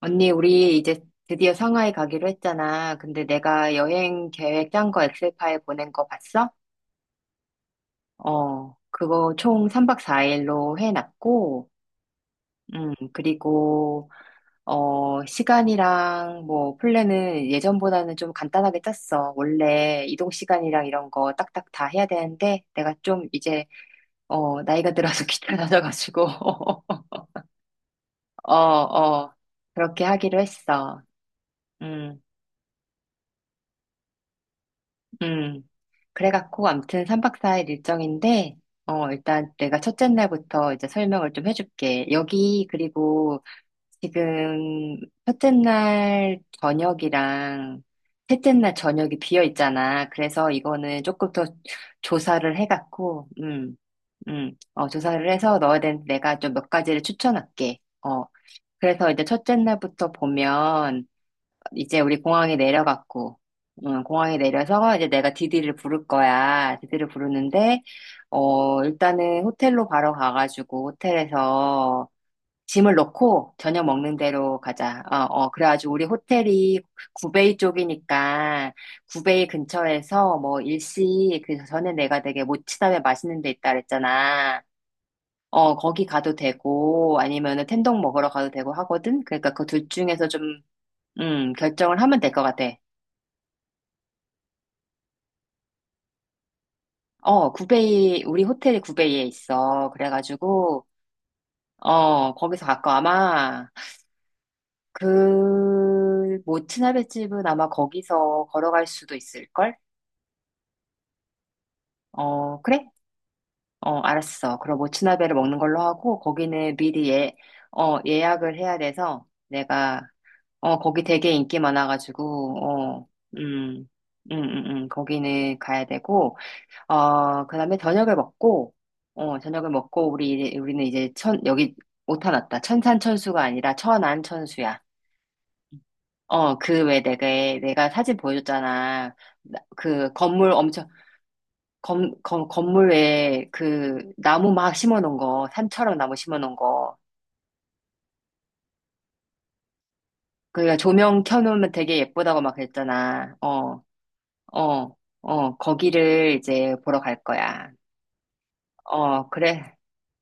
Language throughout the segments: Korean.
언니, 우리 이제 드디어 상하이 가기로 했잖아. 근데 내가 여행 계획 짠 거 엑셀 파일 보낸 거 봤어? 그거 총 3박 4일로 해놨고, 음, 그리고, 시간이랑 뭐, 플랜은 예전보다는 좀 간단하게 짰어. 원래 이동 시간이랑 이런 거 딱딱 다 해야 되는데, 내가 좀 이제, 나이가 들어서 귀찮아져가지고, 어, 어, 그렇게 하기로 했어. 음. 음. 그래갖고, 암튼 3박 4일 일정인데, 일단 내가 첫째 날부터 이제 설명을 좀 해줄게. 여기, 그리고 지금 첫째 날 저녁이랑 셋째 날 저녁이 비어 있잖아. 그래서 이거는 조금 더 조사를 해갖고, 조사를 해서 넣어야 되는데 내가 좀 몇 가지를 추천할게. 그래서 이제 첫째 날부터 보면, 이제 우리 공항에 내려갔고, 응, 공항에 내려서 이제 내가 디디를 부를 거야. 디디를 부르는데, 일단은 호텔로 바로 가가지고 호텔에서 짐을 넣고 저녁 먹는 대로 가자. 그래가지고 우리 호텔이 구베이 쪽이니까 구베이 근처에서 뭐 일시, 그 전에 내가 되게 모츠담에 맛있는 데 있다 그랬잖아. 거기 가도 되고, 아니면은 텐동 먹으러 가도 되고 하거든? 그러니까 그 둘 중에서 좀 결정을 하면 될 것 같아. 어, 구베이, 우리 호텔이 구베이에 있어. 그래가지고, 어, 거기서 가까 아마, 그, 모츠나베 집은 아마 거기서 걸어갈 수도 있을걸? 어, 그래? 어, 알았어. 그럼 모츠나베를 먹는 걸로 하고, 거기는 미리 예, 예약을 해야 돼서, 내가, 어, 거기 되게 인기 많아가지고, 음, 거기는 가야 되고, 그 다음에 저녁을 먹고, 저녁을 먹고, 우리, 우리는 이제 천, 여기 오타났다. 천산천수가 아니라 천안천수야. 어, 그 왜 내가, 내가 사진 보여줬잖아. 그 건물 엄청, 건물 에그 나무 막 심어 놓은 거, 산처럼 나무 심어 놓은 거. 그러니까 조명 켜놓으면 되게 예쁘다고 막 그랬잖아. 어, 거기를 이제 보러 갈 거야. 어, 그래.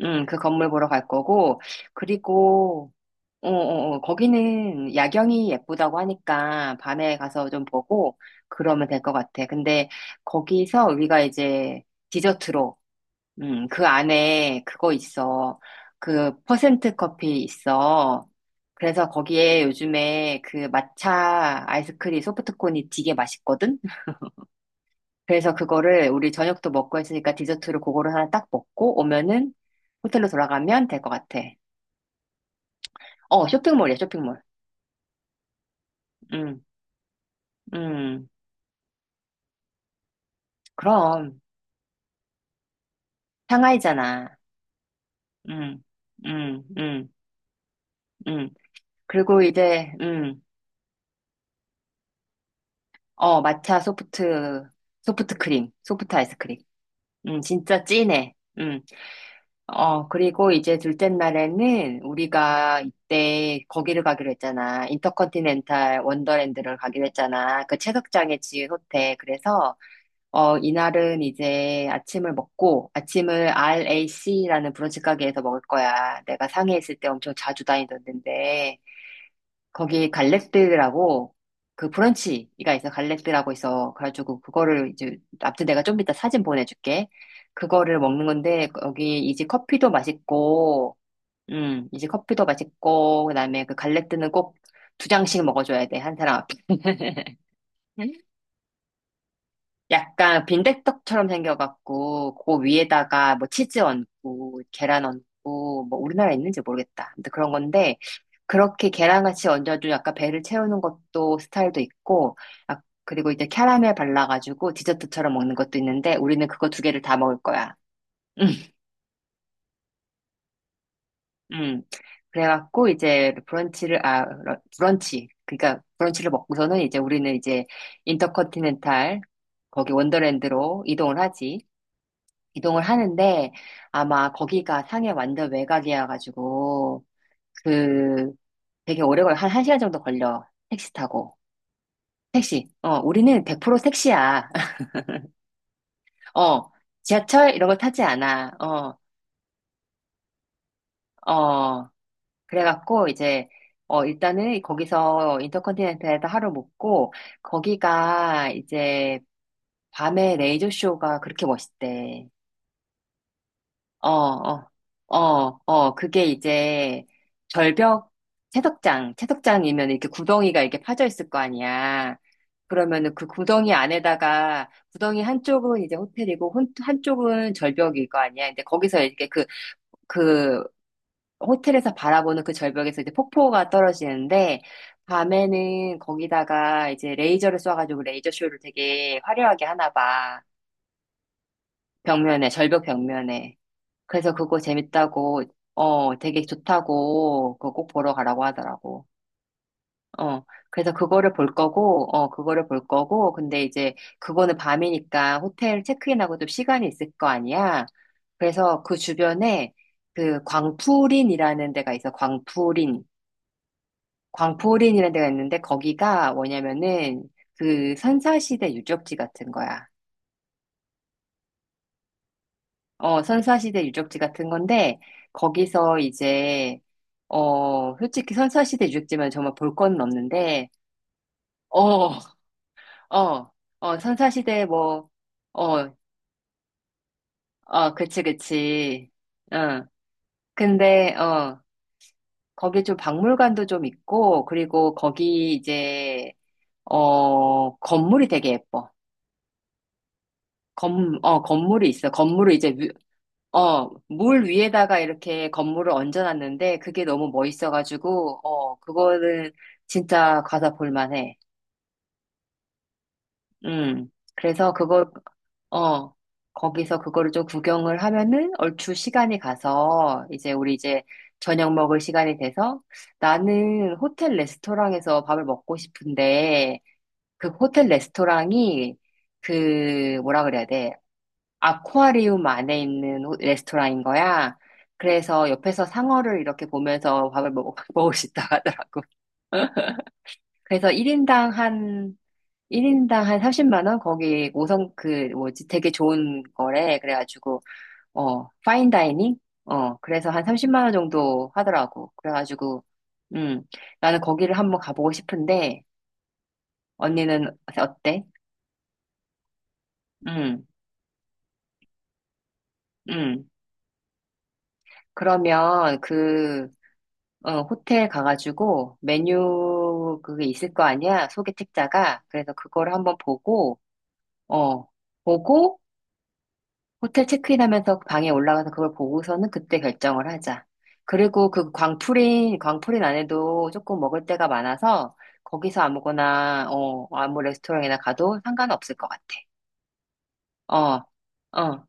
응, 그 건물 보러 갈 거고, 그리고, 거기는 야경이 예쁘다고 하니까 밤에 가서 좀 보고 그러면 될 것 같아. 근데 거기서 우리가 이제 디저트로, 그 안에 그거 있어. 그 퍼센트 커피 있어. 그래서 거기에 요즘에 그 마차 아이스크림 소프트콘이 되게 맛있거든? 그래서 그거를 우리 저녁도 먹고 했으니까 디저트로 그거를 하나 딱 먹고 오면은 호텔로 돌아가면 될 것 같아. 어, 쇼핑몰이야, 쇼핑몰. 음, 음. 그럼 상하이잖아. 응, 응, 응, 응. 그리고 이제 응, 어 마차 소프트 소프트 크림, 소프트 아이스크림. 응, 진짜 찐해. 응. 어 그리고 이제 둘째 날에는 우리가 이때 거기를 가기로 했잖아. 인터컨티넨탈 원더랜드를 가기로 했잖아. 그 채석장에 지은 호텔. 그래서 이날은 이제 아침을 먹고, 아침을 RAC라는 브런치 가게에서 먹을 거야. 내가 상해 있을 때 엄청 자주 다니던 데인데, 거기 갈렉드라고, 그 브런치가 있어. 갈렉드라고 있어. 그래가지고, 그거를 이제, 아무튼 내가 좀 이따 사진 보내줄게. 그거를 먹는 건데, 거기 이제 커피도 맛있고, 이제 커피도 맛있고, 그다음에 그 갈렉드는 꼭 두 장씩 먹어줘야 돼. 한 사람 앞에. 약간 빈대떡처럼 생겨갖고 그 위에다가 뭐 치즈 얹고 계란 얹고 뭐 우리나라에 있는지 모르겠다. 근데 그런 건데 그렇게 계란같이 얹어도 약간 배를 채우는 것도 스타일도 있고 아, 그리고 이제 캐러멜 발라가지고 디저트처럼 먹는 것도 있는데 우리는 그거 두 개를 다 먹을 거야. 음, 음. 그래갖고 이제 브런치 그러니까 브런치를 먹고서는 이제 우리는 이제 인터컨티넨탈 거기 원더랜드로 이동을 하지. 이동을 하는데 아마 거기가 상해 완전 외곽이어 가지고 그 되게 오래 걸려. 한 1시간 정도 걸려. 택시 타고. 택시. 어, 우리는 100% 택시야. 어, 지하철 이런 거 타지 않아. 어, 어. 그래갖고 이제 일단은 거기서 인터컨티넨탈에서 하루 묵고 거기가 이제 밤에 레이저 쇼가 그렇게 멋있대. 어, 어, 그게 이제 절벽 채석장이면 이렇게 구덩이가 이렇게 파져 있을 거 아니야. 그러면은 그 구덩이 안에다가 구덩이 한쪽은 이제 호텔이고 한쪽은 절벽일 거 아니야. 근데 거기서 이렇게 그, 그 호텔에서 바라보는 그 절벽에서 이제 폭포가 떨어지는데 밤에는 거기다가 이제 레이저를 쏴가지고 레이저 쇼를 되게 화려하게 하나 봐. 벽면에, 절벽 벽면에. 그래서 그거 재밌다고, 어, 되게 좋다고, 그거 꼭 보러 가라고 하더라고. 어, 그래서 그거를 볼 거고, 어, 그거를 볼 거고, 근데 이제 그거는 밤이니까 호텔 체크인하고 좀 시간이 있을 거 아니야. 그래서 그 주변에 그 광푸린이라는 데가 있어, 광푸린. 광푸린이라는 데가 있는데 거기가 뭐냐면은 그 선사시대 유적지 같은 거야. 어, 선사시대 유적지 같은 건데, 거기서 이제, 어, 솔직히 선사시대 유적지만 정말 볼 건 없는데, 어, 어, 선사시대 뭐, 어, 그치, 그치. 응. 근데, 어, 거기 좀 박물관도 좀 있고, 그리고 거기 이제, 어, 건물이 되게 예뻐. 건물이 있어. 어, 물 위에다가 이렇게 건물을 얹어놨는데 그게 너무 멋있어가지고, 어, 그거는 진짜 가서 볼만해. 음. 그래서 그거, 어, 거기서 그거를 좀 구경을 하면은 얼추 시간이 가서 이제 우리 이제 저녁 먹을 시간이 돼서 나는 호텔 레스토랑에서 밥을 먹고 싶은데 그 호텔 레스토랑이 그 뭐라 그래야 돼? 아쿠아리움 안에 있는 레스토랑인 거야. 그래서 옆에서 상어를 이렇게 보면서 밥을 먹, 먹을 수 있다고 하더라고. 그래서 1인당 한, 일인당 한 30만 원? 거기 5성, 그, 뭐지, 되게 좋은 거래. 그래가지고, 어, 파인 다이닝? 어, 그래서 한 30만 원 정도 하더라고. 그래가지고, 음, 나는 거기를 한번 가보고 싶은데, 언니는 어때? 음, 음. 그러면 그, 호텔 가가지고 메뉴 그게 있을 거 아니야? 소개 책자가. 그래서 그거를 한번 보고, 어, 보고 호텔 체크인하면서 방에 올라가서 그걸 보고서는 그때 결정을 하자. 그리고 그 광프린, 광프린 안에도 조금 먹을 데가 많아서 거기서 아무거나, 어, 아무 레스토랑이나 가도 상관없을 것 같아. 어, 어.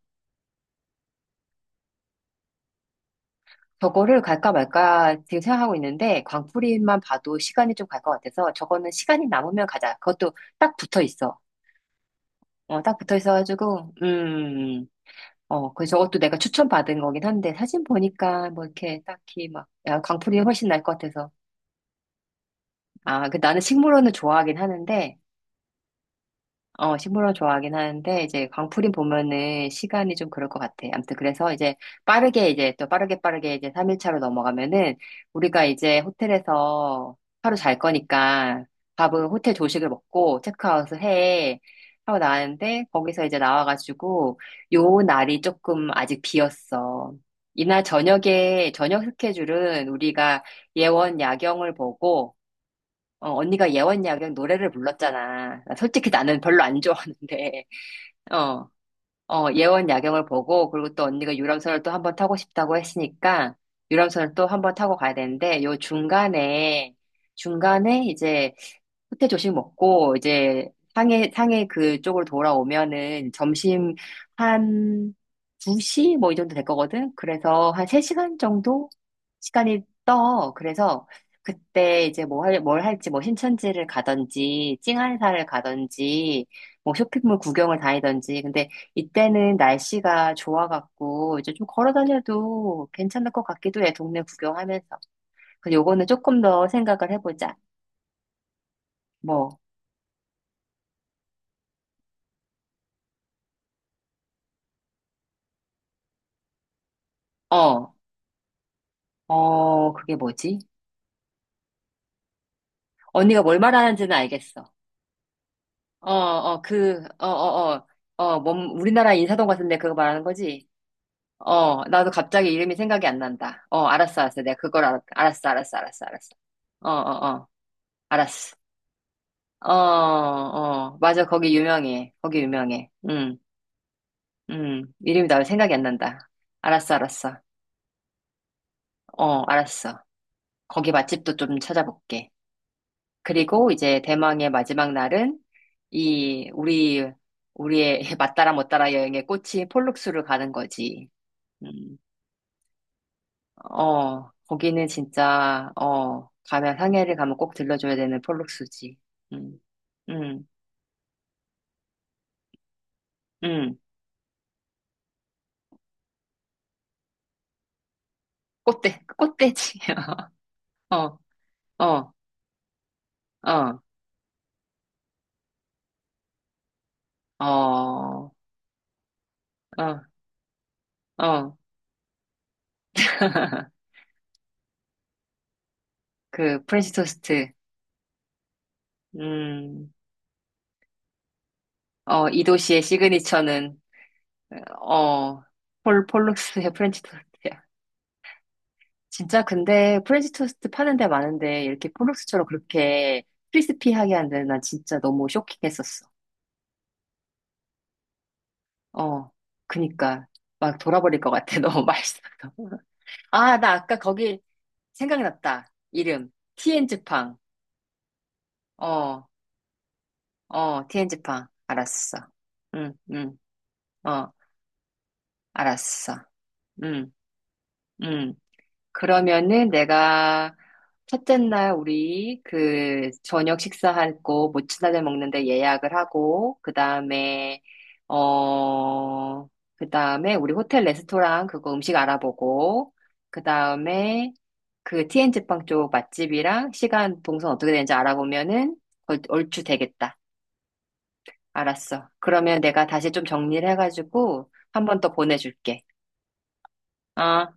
저거를 갈까 말까 지금 생각하고 있는데 광프린만 봐도 시간이 좀 갈 것 같아서 저거는 시간이 남으면 가자. 그것도 딱 붙어 있어. 어, 딱 붙어 있어가지고, 어, 그 저것도 내가 추천받은 거긴 한데, 사진 보니까 뭐 이렇게 딱히 막, 야, 광풀이 훨씬 날 것 같아서. 아, 그 나는 식물원을 좋아하긴 하는데, 어, 식물원 좋아하긴 하는데, 이제 광풀이 보면은 시간이 좀 그럴 것 같아. 아무튼 그래서 이제 빠르게 이제 또 빠르게 이제 3일차로 넘어가면은 우리가 이제 호텔에서 하루 잘 거니까 밥은 호텔 조식을 먹고 체크아웃을 해. 하고 나왔는데 거기서 이제 나와가지고 요 날이 조금 아직 비었어. 이날 저녁에, 저녁 스케줄은 우리가 예원 야경을 보고 어, 언니가 예원야경 노래를 불렀잖아. 나 솔직히 나는 별로 안 좋아하는데, 어, 예원 야경을 보고, 그리고 또 언니가 유람선을 또 한번 타고 싶다고 했으니까, 유람선을 또 한번 타고 가야 되는데, 요 중간에, 중간에 이제 호텔 조식 먹고 이제 상해 그쪽으로 돌아오면은 점심 한 2시 뭐 이 정도 될 거거든. 그래서 한 3시간 정도 시간이 떠. 그래서 그때 이제 뭐 할, 뭘 할지 뭐 신천지를 가든지 찡한사를 가든지 뭐 쇼핑몰 구경을 다니든지 근데 이때는 날씨가 좋아갖고 이제 좀 걸어 다녀도 괜찮을 것 같기도 해. 동네 구경하면서. 근데 요거는 조금 더 생각을 해보자. 뭐 어. 어, 그게 뭐지? 언니가 뭘 말하는지는 알겠어. 어, 어, 그, 어, 어, 우리나라 인사동 같은데 그거 말하는 거지? 어, 나도 갑자기 이름이 생각이 안 난다. 어, 알았어, 알았어. 내가 그걸 알았, 알았어, 알았어, 알았어, 알았어. 어, 어, 어, 알았어. 어, 어, 맞아. 거기 유명해. 거기 유명해. 응, 응. 이름이 나 생각이 안 난다. 알았어, 알았어. 어, 알았어. 거기 맛집도 좀 찾아볼게. 그리고 이제 대망의 마지막 날은 이 우리 우리의 맞다라 못다라 여행의 꽃이 폴룩스를 가는 거지. 음, 어, 거기는 진짜 어 가면 항해를 가면 꼭 들러줘야 되는 폴룩스지. 음, 음, 음, 꽃대, 꽃대지. 어, 어, 어, 어, 어, 어. 그 프렌치 토스트. 음, 어, 이 도시의 시그니처는 어, 폴 폴룩스의 프렌치 토스트. 진짜 근데 프렌치 토스트 파는 데 많은데 이렇게 폴록스처럼 그렇게 크리스피하게 한 데는 난 진짜 너무 쇼킹했었어. 어, 그니까 막 돌아버릴 것 같아. 너무 맛있어. 아, 나 아까 거기 생각났다. 이름. 티엔즈팡. 어, 어, 티엔즈팡. 알았어. 응, 응, 어, 알았어. 응, 응. 그러면은 내가 첫째 날 우리 그 저녁 식사하고 모츠나들 먹는데 예약을 하고 그다음에 어 그다음에 우리 호텔 레스토랑 그거 음식 알아보고 그다음에 그 t 엔 g 빵 쪽 맛집이랑 시간 동선 어떻게 되는지 알아보면은 얼추 되겠다. 알았어. 그러면 내가 다시 좀 정리를 해가지고 한 번 더 보내줄게. 어.